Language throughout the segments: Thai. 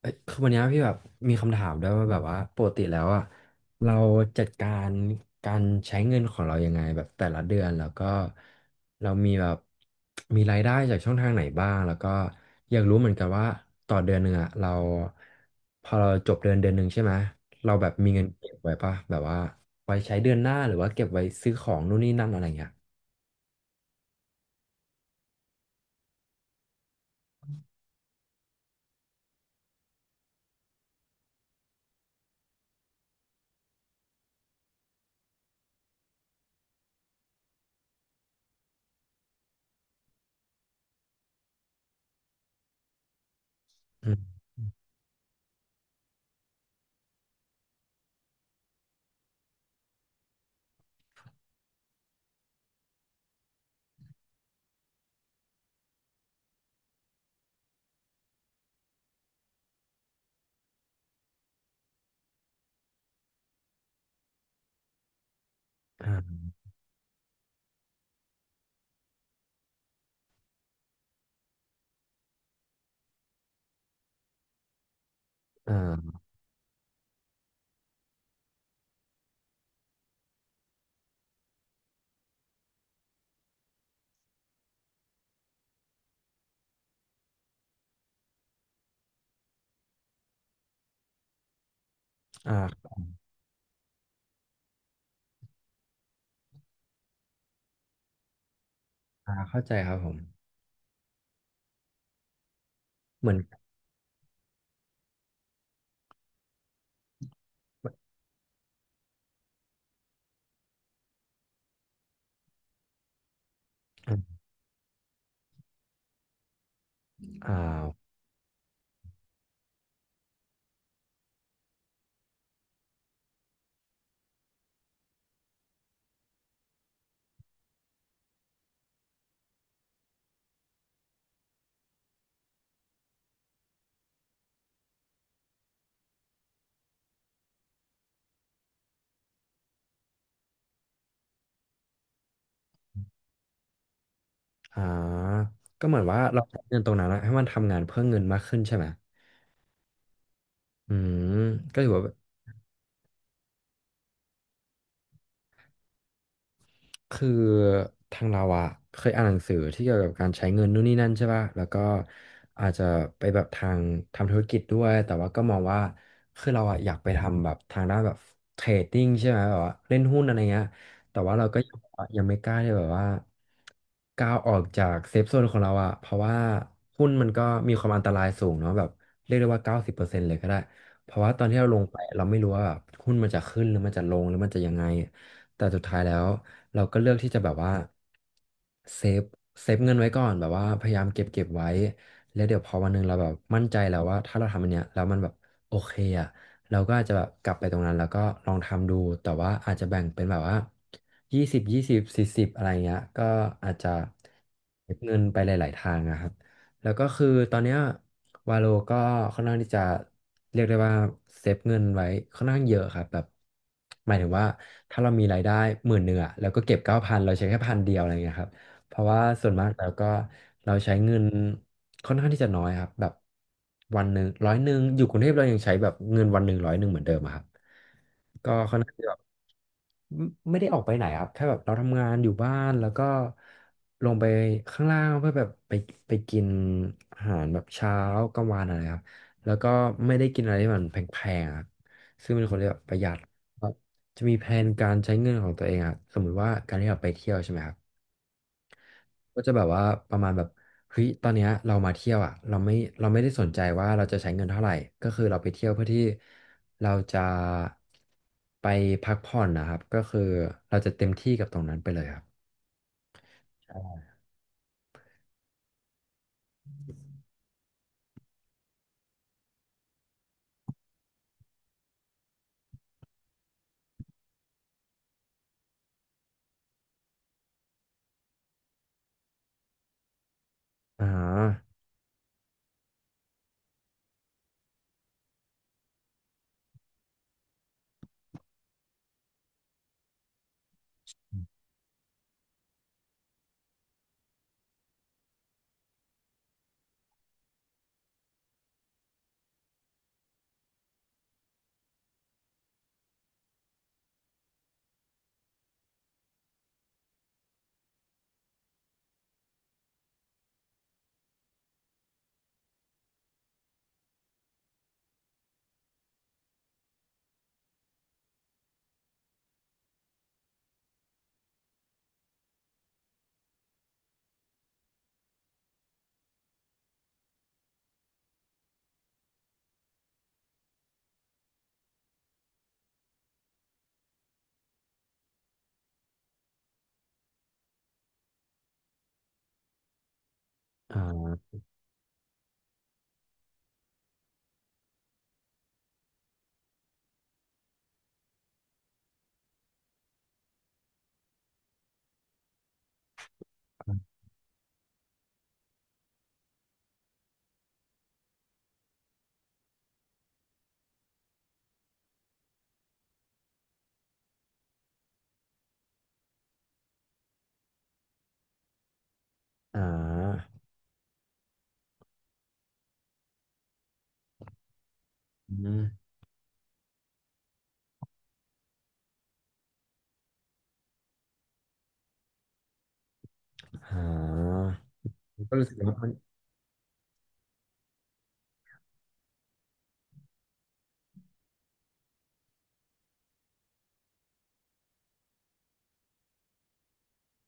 เอ้ยคือวันเนี้ยพี่แบบมีคำถามด้วยว่าแบบว่าปกติแล้วอะเราจัดการการใช้เงินของเรายังไงแบบแต่ละเดือนแล้วก็เรามีแบบมีรายได้จากช่องทางไหนบ้างแล้วก็อยากรู้เหมือนกันว่าต่อเดือนหนึ่งอะเราพอเราจบเดือนเดือนหนึ่งใช่ไหมเราแบบมีเงินเก็บไว้ปะแบบว่าไว้ใช้เดือนหน้าหรือว่าเก็บไว้ซื้อของนู่นนี่นั่นอะไรเงี้ยอืมอ่าอ่าอ่าอ่าเข้าใจครับผมเหมือนอ่า อ่าก็เหมือนว่าเราใช้เงินตรงนั้นอะให้มันทำงานเพื่อเงินมากขึ้นใช่ไหม อืมก็ถือว่า คือทางเราอะเคยอ่านหนังสือที่เกี่ยวกับการใช้เงินนู่นนี่นั่นใช่ป่ะแล้วก็อาจจะไปแบบทางทำธุรกิจด้วย แต่ว่าก็มองว่าคือเราอะอยากไปทำแบบทางด้านแบบเทรดดิ้งใช่ไหมแบบว่าเล่นหุ้นอะไรเงี้ยแต่ว่าเราก็ยังยังไม่กล้าที่แบบว่าก้าวออกจากเซฟโซนของเราอะเพราะว่าหุ้นมันก็มีความอันตรายสูงเนาะแบบเรียกได้ว่า90%เลยก็ได้ เพราะว่าตอนที่เราลงไปเราไม่รู้ว่าแบบหุ้นมันจะขึ้นหรือมันจะลงหรือมันจะยังไง แต่สุดท้ายแล้วเราก็เลือกที่จะแบบว่าเซฟเซฟเงินไว้ก่อนแบบว่าพยายามเก็บไว้แล้วเดี๋ยวพอวันหนึงเราแบบมั่นใจแล้วว่าถ้าเราทำอันเนี้ยแล้วมันแบบโอเคอ่ะเราก็อาจจะแบบกลับไปตรงนั้นแล้วก็ลองทำดูแต่ว่าอาจจะแบ่งเป็นแบบว่ายี่สิบยี่สิบสี่สิบอะไรเงี้ยก็อาจจะเก็บเงินไปหลายๆทางนะครับ แล้วก็คือตอนเนี้ยวาโลก็ค่อนข้างที่จะเรียกได้ว่าเซฟเงินไว้ค่อนข้างเยอะครับแบบหมายถึงว่าถ้าเรามีรายได้10,000อะแล้วก็เก็บ9,000เราใช้แค่1,000อะไรเงี้ยครับเพราะว่าส่วนมากแล้วก็เราใช้เงินค่อนข้างที่จะน้อยครับแบบวันหนึ่งร้อยหนึ่งอยู่กรุงเทพเรายังใช้แบบเงินวันหนึ่งร้อยหนึ่งเหมือนเดิมอะครับก็ค่อนข้างที่จะ ไม่ไม่ได้ออกไปไหนครับแค่แบบเราทำงานอยู่บ้านแล้วก็ลงไปข้างล่างเพื่อแบบไปไปกินอาหารแบบเช้ากลางวันอะไรครับแล้วก็ไม่ได้กินอะไรที่มันแพงๆครับซึ่งเป็นคนที่แบบประหยัดครับจะมีแผนการใช้เงินของตัวเองอะสมมุติว่าการที่เราไปเที่ยวใช่ไหมครับ ก็จะแบบว่าประมาณแบบเฮ้ยตอนเนี้ยเรามาเที่ยวอ่ะเราไม่ได้สนใจว่าเราจะใช้เงินเท่าไหร่ก็คือเราไปเที่ยวเพื่อที่เราจะไปพักผ่อนนะครับก็คือเราจะเต็มที่กับตรงนั้นไปเลยครับอ่าอ่าอ่าอืมอ่าก็รู้สึกว่ามัน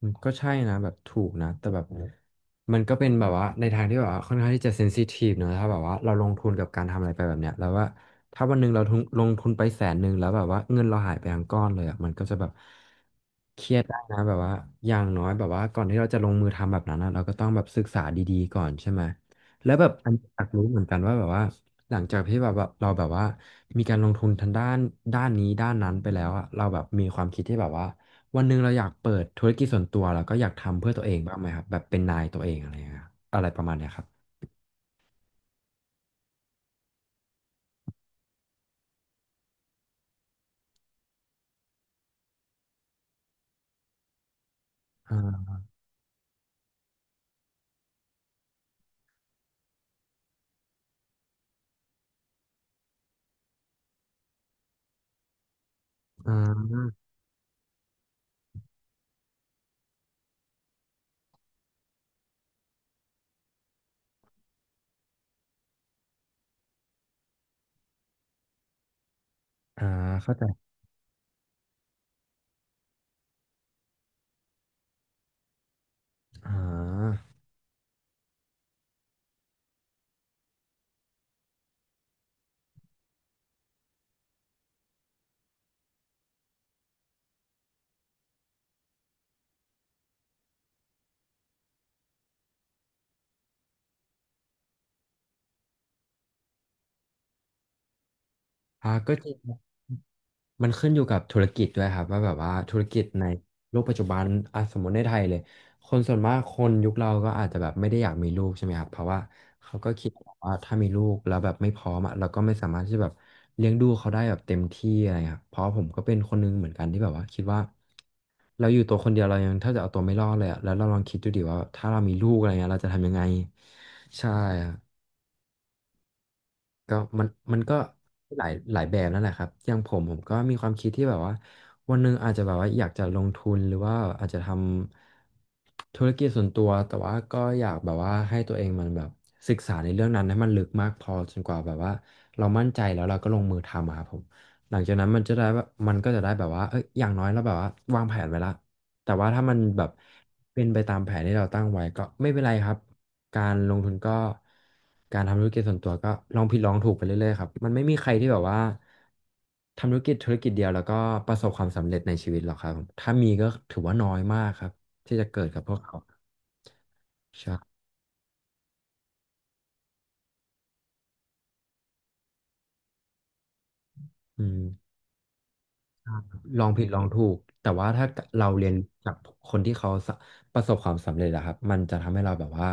อืมก็ใช่นะแบบถูกนะแต่แบบมันก็เป็นแบบว่าในทางที่แบบว่าค่อนข้างที่จะเซนซิทีฟเนอะถ้าแบบว่าเราลงทุนกับการทำอะไรไปแบบเนี้ยแล้วว่าถ้าวันหนึ่งเราทุนลงทุนไป100,000แล้วแบบว่าเงินเราหายไปทั้งก้อนเลยอ่ะมันก็จะแบบเครียดได้นะแบบว่าอย่างน้อยแบบว่าก่อนที่เราจะลงมือทำแบบนั้นอะเราก็ต้องแบบศึกษาดีๆก่อนใช่ไหมแล้วแบบอันอยากรู้เหมือนกันว่าแบบว่าหลังจากที่แบบว่าเราแบบว่ามีการลงทุนทางด้านด้านนี้ด้านนั้นไปแล้วอ่ะเราแบบมีความคิดที่แบบว่า วันหนึ่งเราอยากเปิดธุรกิจส่วนตัวแล้วก็อยากทำเพื่อตัวเองบ้างไหมครับแบบเป็นนายตัวเองอะไรอย่างเงี้ยครับอะไรประมาณเนี้ยครับอ่าอ่าอ่าเข้าใจอ่าอ่าก็จริง มันขึ้นอยู่กับธุรกิจด้วยครับว่าแบบว่าธุรกิจในโลกปัจจุบันอ่ะสมมติในไทยเลยคนส่วนมากคนยุคเราก็อาจจะแบบไม่ได้อยากมีลูกใช่ไหมครับเพราะว่าเขาก็คิดว่าถ้ามีลูกแล้วแบบไม่พร้อมอ่ะเราก็ไม่สามารถที่จะแบบเลี้ยงดูเขาได้แบบเต็มที่อะไรครับเพราะผมก็เป็นคนหนึงเหมือนกันที่แบบว่าคิดว่าเราอยู่ตัวคนเดียวเรายังถ้าจะเอาตัวไม่รอดเลยอ่ะแล้วเราลองคิดดูดิว่าถ้าเรามีลูกอะไรเงี้ยเราจะทำยังไงใช่ครับ ก็มันก็หลายหลายแบบนั่นแหละครับอย่างผมก็มีความคิดที่แบบว่าวันหนึ่งอาจจะแบบว่าอยากจะลงทุนหรือว่าอาจจะทำธุรกิจส่วนตัวแต่ว่าก็อยากแบบว่าให้ตัวเองมันแบบศึกษาในเรื่องนั้นให้มันลึกมากพอจนกว่าแบบว่าเรามั่นใจแล้วเราก็ลงมือทำอะครับผมหลังจากนั้นมันจะได้แบบมันก็จะได้แบบว่าเอ้ยอย่างน้อยเราแบบว่าวางแผนไว้ละ แต่ว่าถ้ามันแบบเป็นไปตามแผนที่เราตั้งไว้ก็ไม่เป็นไรครับการลงทุนก็การทำธุรกิจส่วนตัวก็ลองผิดลองถูกไปเรื่อยๆครับมันไม่มีใครที่แบบว่าทำธุรกิจเดียวแล้วก็ประสบความสำเร็จในชีวิตหรอกครับถ้ามีก็ถือว่าน้อยมากครับที่จะเกิดกับพวกเขาใช่อืม ลองผิดลองถูกแต่ว่าถ้าเราเรียนจากคนที่เขาสะประสบความสำเร็จอะครับมันจะทำให้เราแบบว่า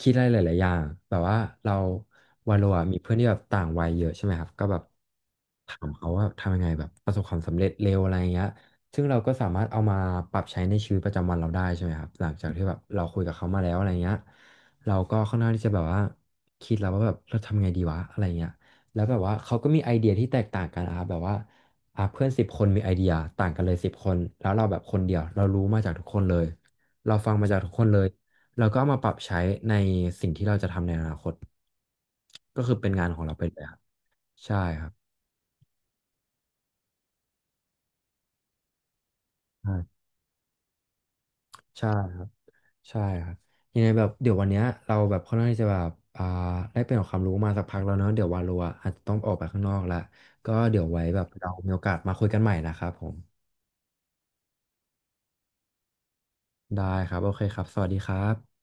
คิดได้หลายๆอย่างแบบว่าเราวาโลอะมีเพื่อนที่แบบต่างวัยเยอะใช่ไหมครับก็แบบถามเขาว่าทำยังไงแบบประสบความสำเร็จเร็วอะไรอย่างเงี้ยซึ่งเราก็สามารถเอามาปรับใช้ในชีวิตประจำวันเราได้ใช่ไหมครับหลังจากที่แบบเราคุยกับเขามาแล้วอะไรเงี้ยเราก็ค่อนข้างที่จะแบบว่าคิดแล้วว่าแบบเราทำไงดีวะอะไรเงี้ยแล้วแบบว่าเขาก็มีไอเดียที่แตกต่างกันนะครับแบบว่า อ่ะเพื่อน10คนมีไอเดียต่างกันเลยสิบคนแล้วเราแบบคนเดียวเรารู้มาจากทุกคนเลยเราฟังมาจากทุกคนเลยเราก็เอามาปรับใช้ในสิ่งที่เราจะทำในอนาคตก็คือเป็นงานของเราไปเลยครับใช่ครับใช่ใช่ครับใช่ครับยังไงแบบเดี๋ยววันเนี้ยเราแบบค่อนข้างที่จะแบบอ่าได้เป็นของความรู้มาสักพักแล้วเนอะเดี๋ยววาโลอะอาจจะต้องออกไปข้างนอกละก็เดี๋ยวไว้แบบเรามีโอกาสมาคุยกันใหม่นะครับผมได้ครับโอเคครับสวัสดีครับ